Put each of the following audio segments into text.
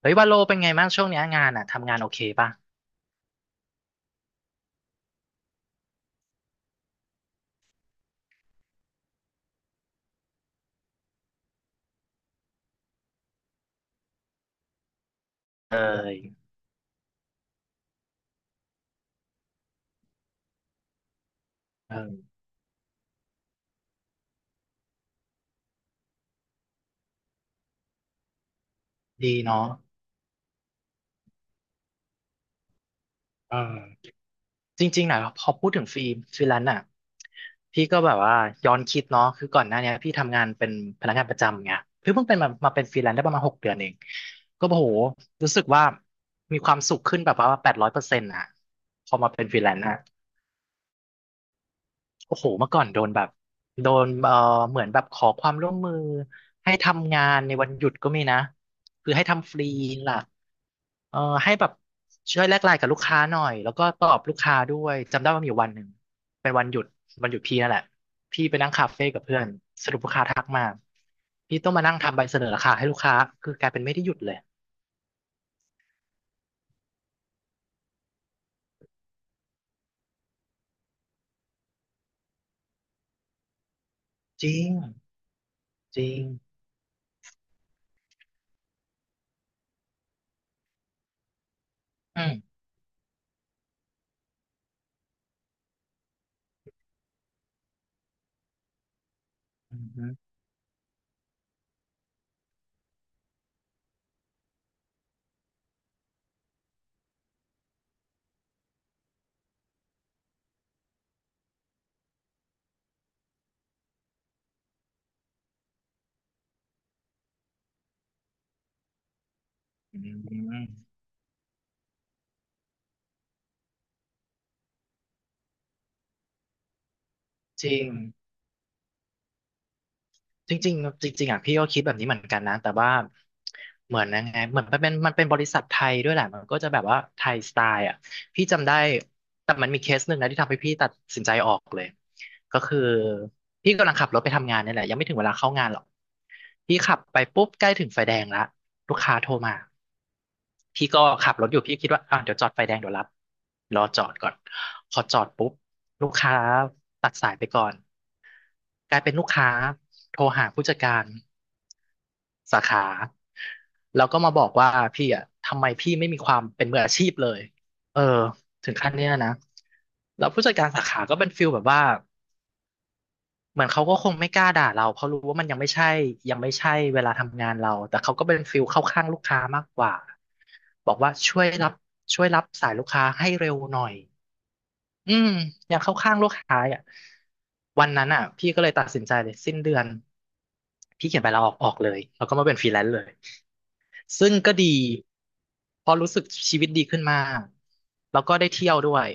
เฮ้ยว่าโลเป็นไงบ้างช่วงเนี้ยงานอ่ะทำงานโอเคป่ะเออยเออดีเนาะเออจริงๆนะพอพูดถึงฟรีแลนซ์อ่ะพี่ก็แบบว่าย้อนคิดเนาะคือก่อนหน้าเนี้ยพี่ทำงานเป็นพนักงานประจำไงเพิ่งเป็นมาเป็นฟรีแลนซ์ได้ประมาณ6 เดือนเองก็โอ้โหรู้สึกว่ามีความสุขขึ้นแบบว่า800%อ่ะพอมาเป็นฟรีแลนซ์อ่ะ โอ้โหเมื่อก่อนโดนแบบโดนเหมือนแบบขอความร่วมมือให้ทำงานในวันหยุดก็มีนะคือให้ทำฟรีล่ะเอ่อให้แบบช่วยแลกไลน์กับลูกค้าหน่อยแล้วก็ตอบลูกค้าด้วยจำได้ว่ามีอยู่วันหนึ่งเป็นวันหยุดวันหยุดพี่นั่นแหละพี่ไปนั่งคาเฟ่กับเพื่อนสรุปลูกค้าทักมาพี่ต้องมานั่งทำใบเสนอราคาให้ลูกค้าคือกลายเป็นไม่ได้หยุดเลยจริงจริงอืมอืมอืมจริง จริงๆจริงๆอ่ะพี่ก็คิดแบบนี้เหมือนกันนะแต่ว่าเหมือนยังไงเหมือนมันเป็นบริษัทไทยด้วยแหละมันก็จะแบบว่าไทยสไตล์อ่ะพี่จำได้แต่มันมีเคสหนึ่งนะที่ทำให้พี่ตัดสินใจออกเลยก็คือพี่กำลังขับรถไปทำงานเนี่ยแหละยังไม่ถึงเวลาเข้างานหรอกพี่ขับไปปุ๊บใกล้ถึงไฟแดงละลูกค้าโทรมาพี่ก็ขับรถอยู่พี่คิดว่าอ่ะเดี๋ยวจอดไฟแดงเดี๋ยวรับรอจอดก่อนพอจอดปุ๊บลูกค้าตัดสายไปก่อนกลายเป็นลูกค้าโทรหาผู้จัดการ สาขาแล้วก็มาบอกว่าพี่อ่ะทำไมพี่ไม่มีความเป็นมืออาชีพเลยเออถึงขั้นเนี้ยนะแล้วผู้จัดการสาขาก็เป็นฟิลแบบว่าเหมือนเขาก็คงไม่กล้าด่าเราเพราะรู้ว่ามันยังไม่ใช่ยังไม่ใช่เวลาทำงานเราแต่เขาก็เป็นฟิลเข้าข้างลูกค้ามากกว่าบอกว่าช่วยรับสายลูกค้าให้เร็วหน่อยอืมยังเข้าข้างลูกค้าอ่ะวันนั้นอ่ะพี่ก็เลยตัดสินใจเลยสิ้นเดือนพี่เขียนใบลาออกออกเลยแล้วก็มาเป็นฟรีแลนซ์เลย ซึ่งก็ดีเพอราะรู้สึกชีวิตดีขึ้นมากแล้วก็ได้เที่ยวด้วย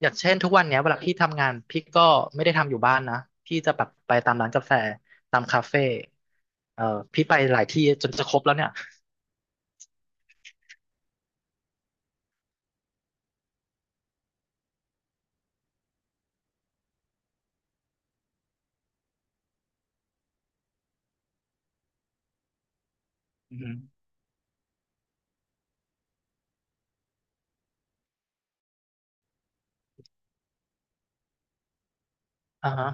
อย่างเช่นทุกวันเนี้ยเวลาพี่ทำงานพี่ก็ไม่ได้ทำอยู่บ้านนะพี่จะแบบไปตามร้านกาแฟตามคาเฟ่เอ่อพี่ไปหลายที่จนจะครบแล้วเนี่ยอือฮึอ่าฮะ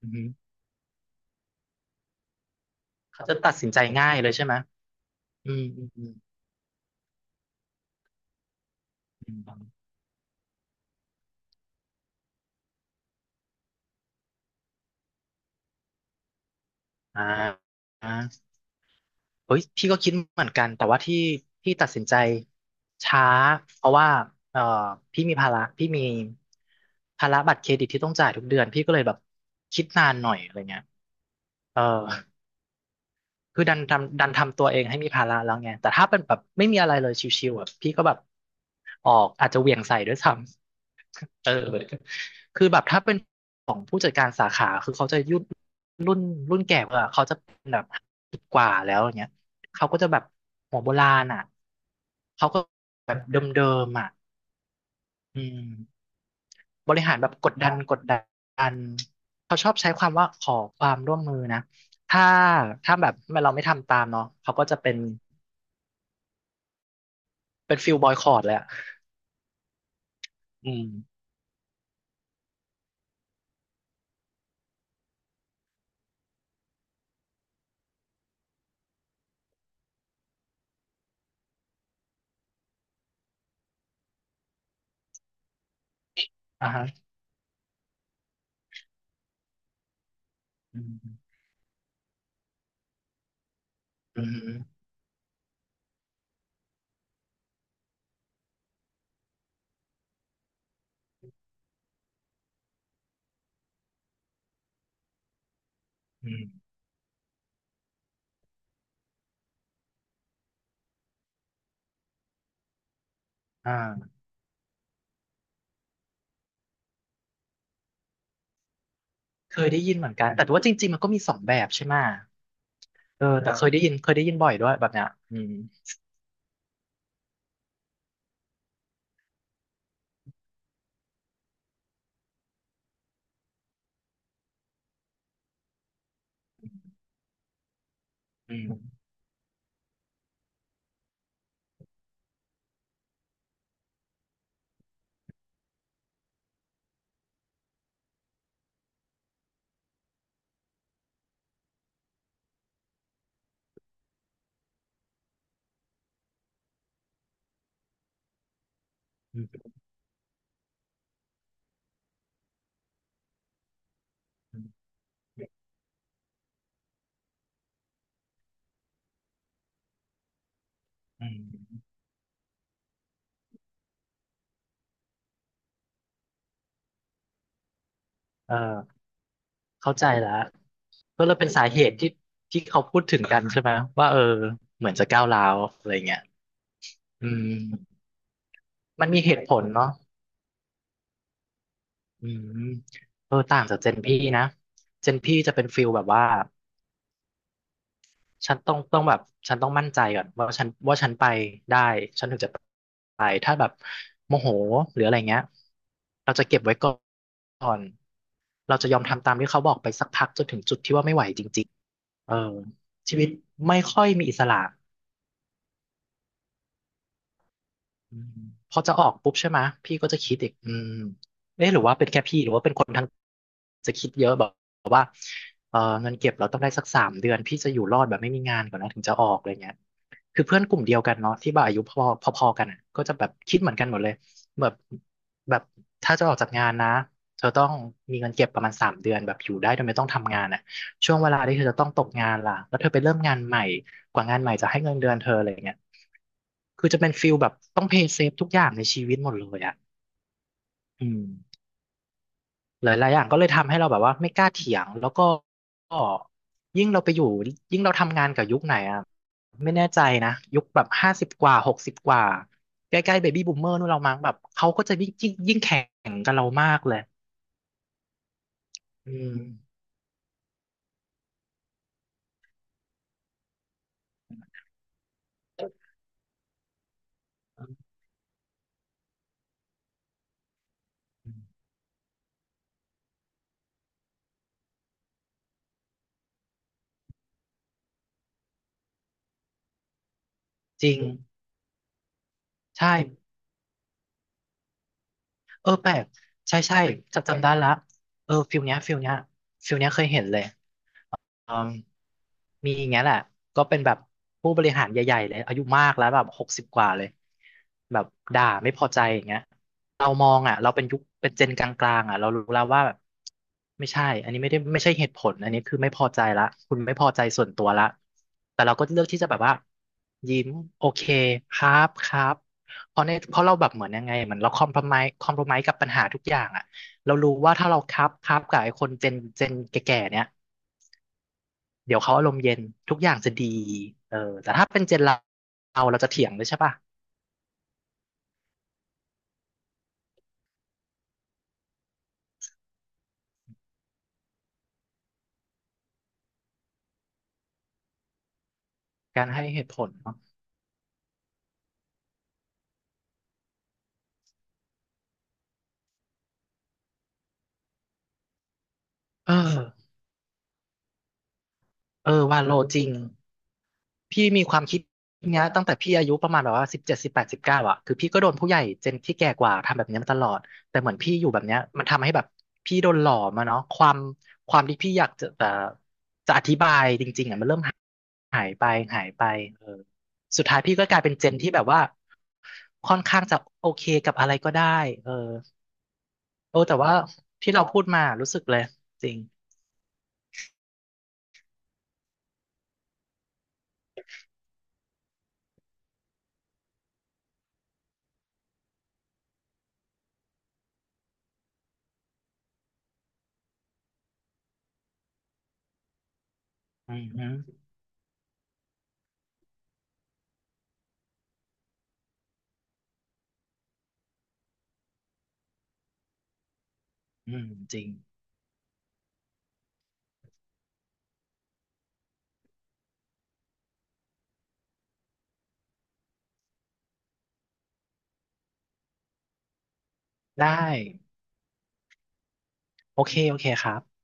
อือฮึเขาจะตัดสินใจง่ายเลยใช่ไหมอืมอืมอืมอมอ่าอ่า เฮ้ยพี่ก็คิดเหมือนกันแต่ว่าที่พี่ตัดสินใจช้าเพราะว่าเอ่อพี่มีภาระพี่มีภาระบัตรเครดิตที่ต้องจ่ายทุกเดือนพี่ก็เลยแบบคิดนานหน่อยอะไรเงี้ยเออคือดันทำตัวเองให้มีภาระแล้วไงแต่ถ้าเป็นแบบไม่มีอะไรเลยชิวๆแบบพี่ก็แบบออกอาจจะเหวี่ยงใส่ด้วยซ้ำ เออคือแบบถ้าเป็นของผู้จัดการสาขาคือเขาจะยุ่นรุ่นรุ่นแก่กว่าเขาจะเป็นแบบกว่าแล้วอย่างเงี้ยเขาก็จะแบบหัวโบราณอ่ะเขาก็แบบเดิมๆอ่ะอืมบริหารแบบกดดันเขาชอบใช้ความว่าขอความร่วมมือนะถ้าถ้าแบบเราไม่ทำตามเนาะเขาก็จะเป็นฟิลบอยคอตเลยอะอืมอ่าฮะอืมอืมอืมอ่า เคยได้ยินเหมือนกัน แต่ว่าจริงๆมันก็มีสองแบบใช่ไหมเออแต่เคยได้ยินบ่อยด้วยแบบเนี้ยอืมอืมอืมอืมอืมเออเข้าใจแล้วก็เลยเป็นสาเหตุที่เขาพูดถึงกันใช่ไหม ว่าเออเหมือนจะก้าวร้าวอะไรเงี้ยอืมมันมีเหตุผลเนาะอืมเออต่างจากเจนพี่นะเจนพี่จะเป็นฟิลแบบว่า ฉันต้องแบบฉันต้องมั่นใจก่อนว่าฉันไปได้ฉันถึงจะไปถ้าแบบโมโหหรืออะไรเงี้ยเราจะเก็บไว้ก่อนเราจะยอมทำตามที่เขาบอกไปสักพักจนถึงจุดที่ว่าไม่ไหวจริงๆเออชีวิตไม่ค่อยมีอิสระอืมพอจะออกปุ๊บใช่ไหมะพี่ก็จะคิดอีกอืมเอ๊ะหรือว่าเป็นแค่พี่หรือว่าเป็นคนทั้งจะคิดเยอะแบบ เออเงินเก็บเราต้องได้สักสามเดือนพี่จะอยู่รอดแบบไม่มีงานก่อนนะถึงจะออกอะไรเงี้ยคือเพื่อนกลุ่มเดียวกันเนาะที่แบบอายุพอพอๆกันอ่ะก็จะแบบคิดเหมือนกันหมดเลยแบบแบบถ้าจะออกจากงานนะเธอต้องมีเงินเก็บประมาณสามเดือนแบบอยู่ได้โดยไม่ต้องทำงานอ่ะช่วงเวลาที่เธอจะต้องตกงานล่ะแล้วเธอไปเริ่มงานใหม่กว่างานใหม่จะให้เงินเดือนเธออะไรเงี้ยคือจะเป็นฟิลแบบต้องเพย์เซฟทุกอย่างในชีวิตหมดเลยอ่ะอืม หลายๆอย่างก็เลยทำให้เราแบบว่าไม่กล้าเถียงแล้วก็ยิ่งเราไปอยู่ยิ่งเราทำงานกับยุคไหนอ่ะไม่แน่ใจนะยุคแบบ50 กว่าหกสิบกว่าใกล้ๆเบบี้บูมเมอร์นู่นเรามั้งแบบเขาก็จะยิ่งแข่งกับเรามากเลยอืมจริงใช่เออแปลกใช่ใช่จะจำได้ละเออฟิลเนี้ยเคยเห็นเลย เอิ่มมีอย่างเงี้ยแหละก็เป็นแบบผู้บริหารใหญ่ๆเลยอายุมากแล้วแบบหกสิบกว่าเลยแบบด่าไม่พอใจอย่างเงี้ยเรามองอ่ะเราเป็นยุคเป็นเจนกลางๆอ่ะเรารู้แล้วว่าแบบไม่ใช่อันนี้ไม่ได้ไม่ใช่เหตุผลอันนี้คือไม่พอใจละคุณไม่พอใจส่วนตัวละแต่เราก็เลือกที่จะแบบว่ายิ้มโอเคครับครับเพราะเราแบบเหมือนยังไงเหมือนเราคอมพ o ไ s e คอมพ o ไ s e กับปัญหาทุกอย่างอ่ะเรารู้ว่าถ้าเราครับครับกับไอ้คนเจนแก่ๆเนี้ย เดี๋ยวเขาอารมณ์เย็นทุกอย่างจะดีเออแต่ถ้าเป็นเจนเรา เราจะเถียงเลยใช่ป่ะการให้เหตุผลเนาะเออเออว่าโลจริง พี่มีความคิดเนี้ยตั้งแต่พี่อายุประมาณแบบว่า17 18 19อะคือพี่ก็โดนผู้ใหญ่เจนที่แก่กว่าทำแบบเนี้ยมาตลอดแต่เหมือนพี่อยู่แบบเนี้ยมันทำให้แบบพี่โดนหล่อมาเนาะความที่พี่อยากจะแต่จะอธิบายจริงๆอะมันเริ่มหายไปหายไปเออสุดท้ายพี่ก็กลายเป็นเจนที่แบบว่าค่อนข้างจะโอเคกับอะไรก็ได้เออโอ้แต่ว่าที่เราพูดมารู้สึกเลยจริงอืมฮึอืมจริงได้โอเคโอเคครับ